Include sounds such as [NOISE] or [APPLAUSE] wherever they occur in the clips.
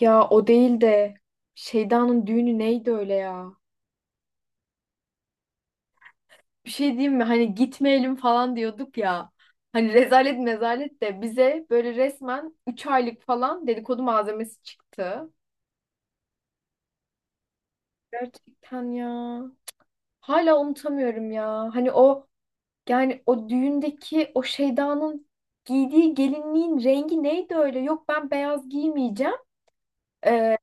Ya o değil de Şeyda'nın düğünü neydi öyle ya? Bir şey diyeyim mi? Hani gitmeyelim falan diyorduk ya. Hani rezalet mezalet de bize böyle resmen 3 aylık falan dedikodu malzemesi çıktı. Gerçekten ya. Hala unutamıyorum ya. Hani o yani o düğündeki o Şeyda'nın giydiği gelinliğin rengi neydi öyle? Yok ben beyaz giymeyeceğim. Ee,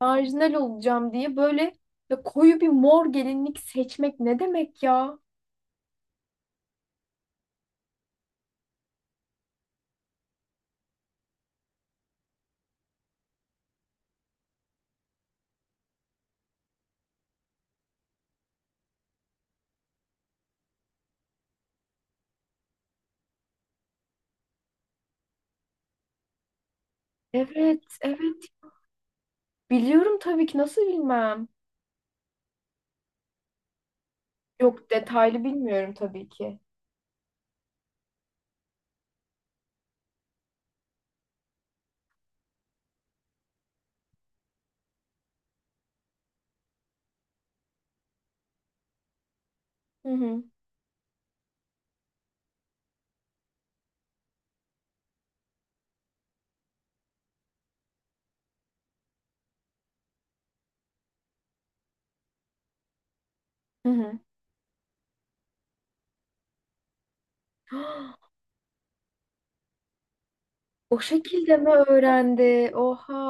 Marjinal olacağım diye böyle ya koyu bir mor gelinlik seçmek ne demek ya? Evet, evet. Biliyorum tabii ki. Nasıl bilmem? Yok, detaylı bilmiyorum tabii ki. Hı hı. Hı hı. [GASPS] O şekilde mi öğrendi? Oha.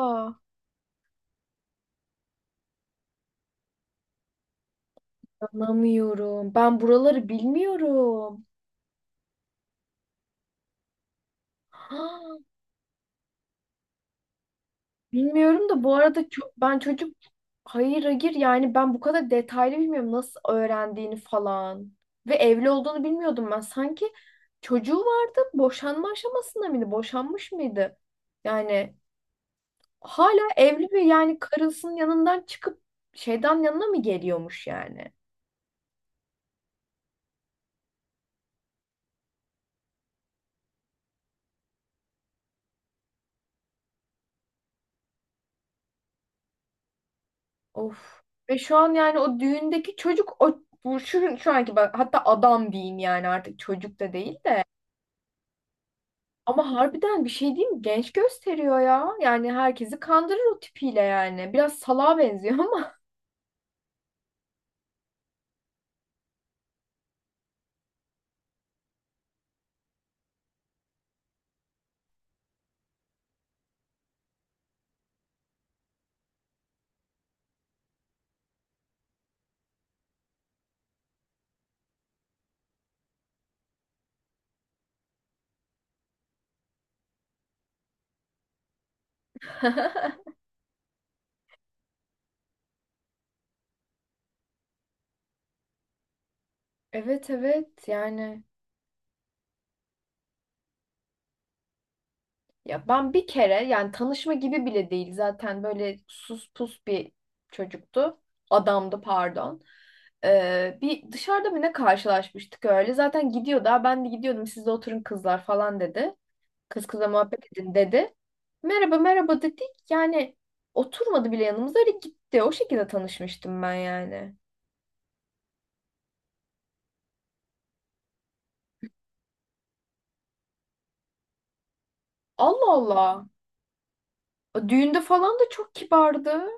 Anlamıyorum. Ben buraları bilmiyorum. [GASPS] Bilmiyorum da bu arada ben çocuk hayır hayır yani ben bu kadar detaylı bilmiyorum nasıl öğrendiğini falan. Ve evli olduğunu bilmiyordum ben. Sanki çocuğu vardı, boşanma aşamasında mıydı? Boşanmış mıydı? Yani hala evli ve yani karısının yanından çıkıp şeyden yanına mı geliyormuş yani? Of. Ve şu an yani o düğündeki çocuk o bu şu anki, bak hatta adam diyeyim yani, artık çocuk da değil de. Ama harbiden bir şey diyeyim mi? Genç gösteriyor ya. Yani herkesi kandırır o tipiyle yani. Biraz salağa benziyor ama. [LAUGHS] Evet evet yani. Ya ben bir kere yani tanışma gibi bile değil, zaten böyle sus pus bir çocuktu. Adamdı pardon. Bir dışarıda mı ne karşılaşmıştık öyle. Zaten gidiyordu. "Aa, ben de gidiyordum, siz de oturun kızlar" falan dedi. Kız kıza muhabbet edin dedi. Merhaba merhaba dedik. Yani oturmadı bile yanımıza, öyle gitti. O şekilde tanışmıştım ben yani. Allah Allah. O düğünde falan da çok kibardı.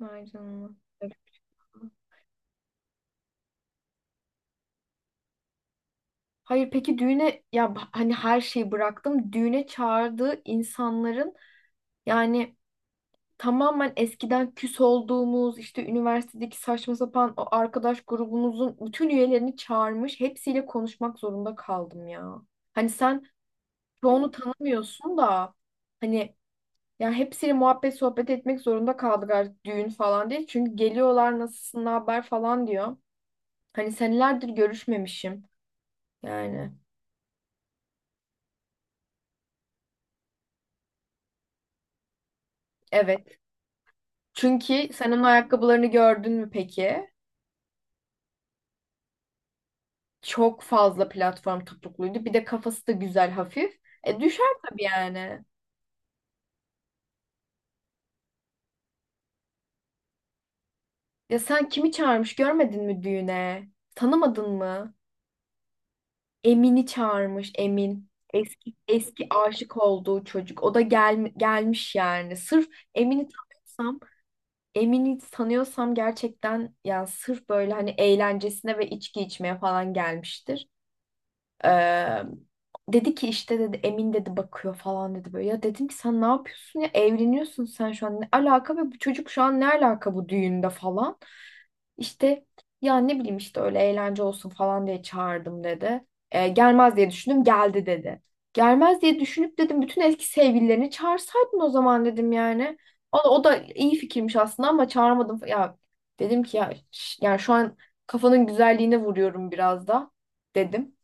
Vay canına. Hayır peki düğüne ya hani her şeyi bıraktım. Düğüne çağırdığı insanların yani tamamen eskiden küs olduğumuz işte üniversitedeki saçma sapan o arkadaş grubumuzun bütün üyelerini çağırmış. Hepsiyle konuşmak zorunda kaldım ya. Hani sen çoğunu tanımıyorsun da hani ya hepsiyle muhabbet sohbet etmek zorunda kaldık artık düğün falan diye. Çünkü geliyorlar, nasılsın ne haber falan diyor. Hani senelerdir görüşmemişim yani. Evet. Çünkü sen onun ayakkabılarını gördün mü peki? Çok fazla platform topukluydu. Bir de kafası da güzel hafif. E düşer tabii yani. Ya sen kimi çağırmış görmedin mi düğüne? Tanımadın mı? Emin'i çağırmış, Emin. Eski eski aşık olduğu çocuk. O da gelmiş yani. Sırf Emin'i tanıyorsam, Emin'i tanıyorsam gerçekten yani, sırf böyle hani eğlencesine ve içki içmeye falan gelmiştir. Ee, Dedi ki işte, dedi Emin dedi bakıyor falan dedi böyle. Ya dedim ki sen ne yapıyorsun ya, evleniyorsun sen şu an, ne alaka ve bu çocuk şu an ne alaka bu düğünde falan. İşte ya ne bileyim işte öyle eğlence olsun falan diye çağırdım dedi. Gelmez diye düşündüm, geldi dedi. Gelmez diye düşünüp dedim bütün eski sevgililerini çağırsaydın o zaman dedim yani. O da iyi fikirmiş aslında ama çağırmadım. Ya dedim ki ya yani şu an kafanın güzelliğine vuruyorum biraz da dedim.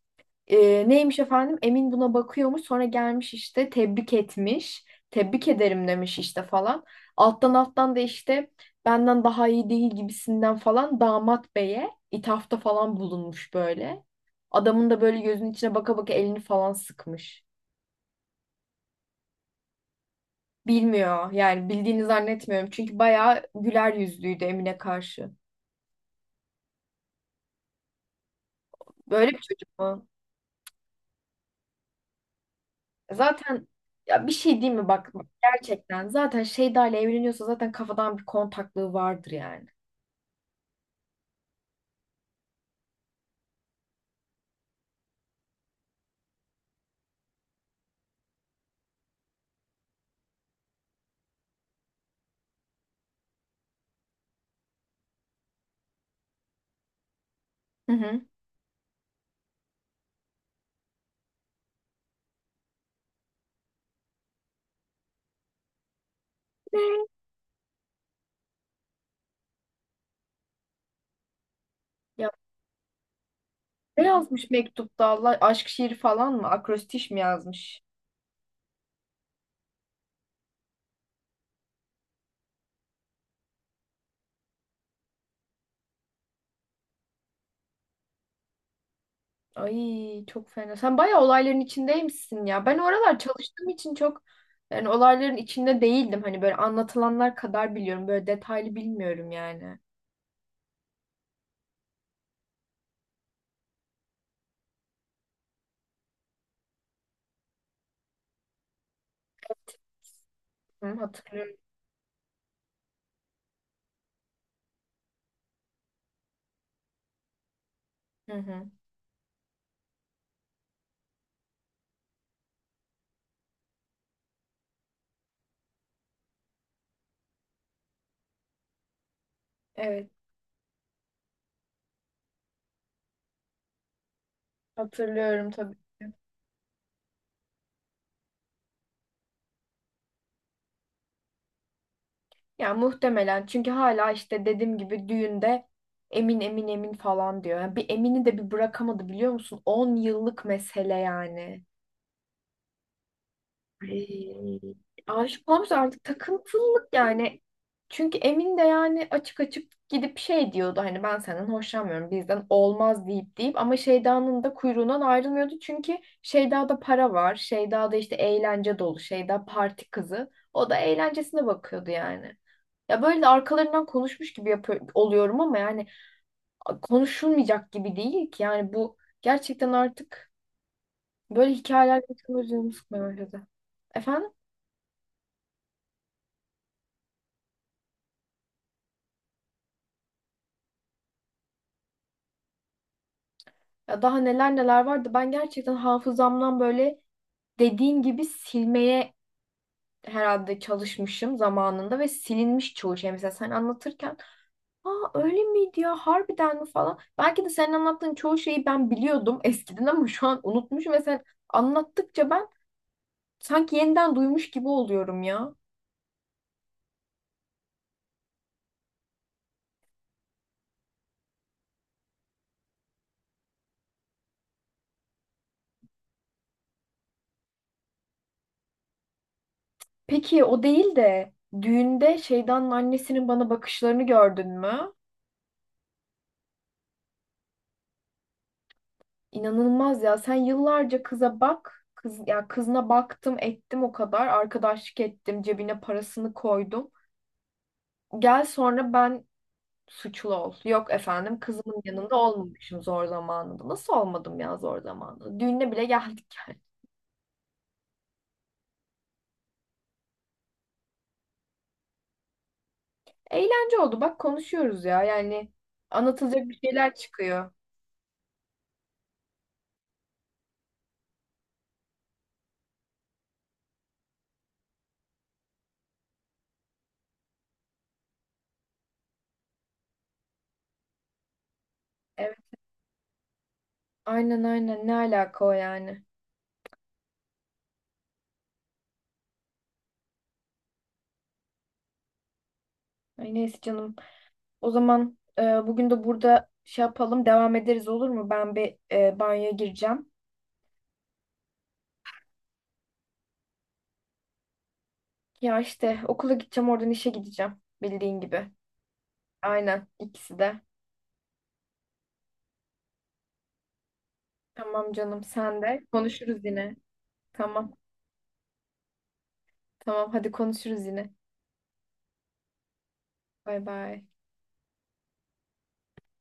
Neymiş efendim? Emin buna bakıyormuş. Sonra gelmiş işte, tebrik etmiş. Tebrik ederim demiş işte falan. Alttan alttan da işte benden daha iyi değil gibisinden falan damat beye ithafta falan bulunmuş böyle. Adamın da böyle gözünün içine baka baka elini falan sıkmış. Bilmiyor yani, bildiğini zannetmiyorum. Çünkü bayağı güler yüzlüydü Emin'e karşı. Böyle bir çocuk mu? Zaten ya bir şey değil mi bak bak, gerçekten zaten Şeyda ile evleniyorsa zaten kafadan bir kontaklığı vardır yani. Hı hı. Ya ne yazmış mektupta, Allah aşk şiiri falan mı? Akrostiş mi yazmış? Ay çok fena. Sen bayağı olayların içindeymişsin ya. Ben oralar çalıştığım için çok yani olayların içinde değildim. Hani böyle anlatılanlar kadar biliyorum. Böyle detaylı bilmiyorum yani. Hı, hatırlıyorum. Hı hı. Evet, hatırlıyorum tabii. Ya muhtemelen, çünkü hala işte dediğim gibi düğünde Emin Emin Emin falan diyor. Yani bir Emin'i de bir bırakamadı biliyor musun? 10 yıllık mesele yani. Ay. Aşık olmuş, artık takıntılılık yani. Çünkü Emin de yani açık açık gidip şey diyordu hani ben senden hoşlanmıyorum bizden olmaz deyip deyip ama Şeyda'nın da kuyruğundan ayrılmıyordu. Çünkü Şeyda'da para var. Şeyda'da işte eğlence dolu. Şeyda parti kızı. O da eğlencesine bakıyordu yani. Ya böyle de arkalarından konuşmuş gibi yapıyor, oluyorum ama yani konuşulmayacak gibi değil ki. Yani bu gerçekten artık böyle hikayeler yaşamayı, canımı sıkmaya başladı. Efendim? Ya daha neler neler vardı. Ben gerçekten hafızamdan böyle dediğin gibi silmeye herhalde çalışmışım zamanında ve silinmiş çoğu şey. Mesela sen anlatırken, aa öyle miydi ya, harbiden mi falan. Belki de senin anlattığın çoğu şeyi ben biliyordum eskiden ama şu an unutmuşum ve sen anlattıkça ben sanki yeniden duymuş gibi oluyorum ya. Peki o değil de düğünde şeytanın annesinin bana bakışlarını gördün mü? İnanılmaz ya. Sen yıllarca kıza bak. Ya kızına baktım ettim o kadar. Arkadaşlık ettim. Cebine parasını koydum. Gel sonra ben suçlu ol. Yok efendim kızımın yanında olmamışım zor zamanında. Nasıl olmadım ya zor zamanında? Düğüne bile geldik yani. Eğlence oldu. Bak konuşuyoruz ya. Yani anlatılacak bir şeyler çıkıyor. Evet. Aynen aynen, ne alaka o yani. Ay neyse canım. O zaman bugün de burada şey yapalım, devam ederiz olur mu? Ben bir banyoya gireceğim. Ya işte okula gideceğim, oradan işe gideceğim bildiğin gibi. Aynen ikisi de. Tamam canım, sen de. Konuşuruz yine. Tamam tamam, hadi konuşuruz yine. Bay bay.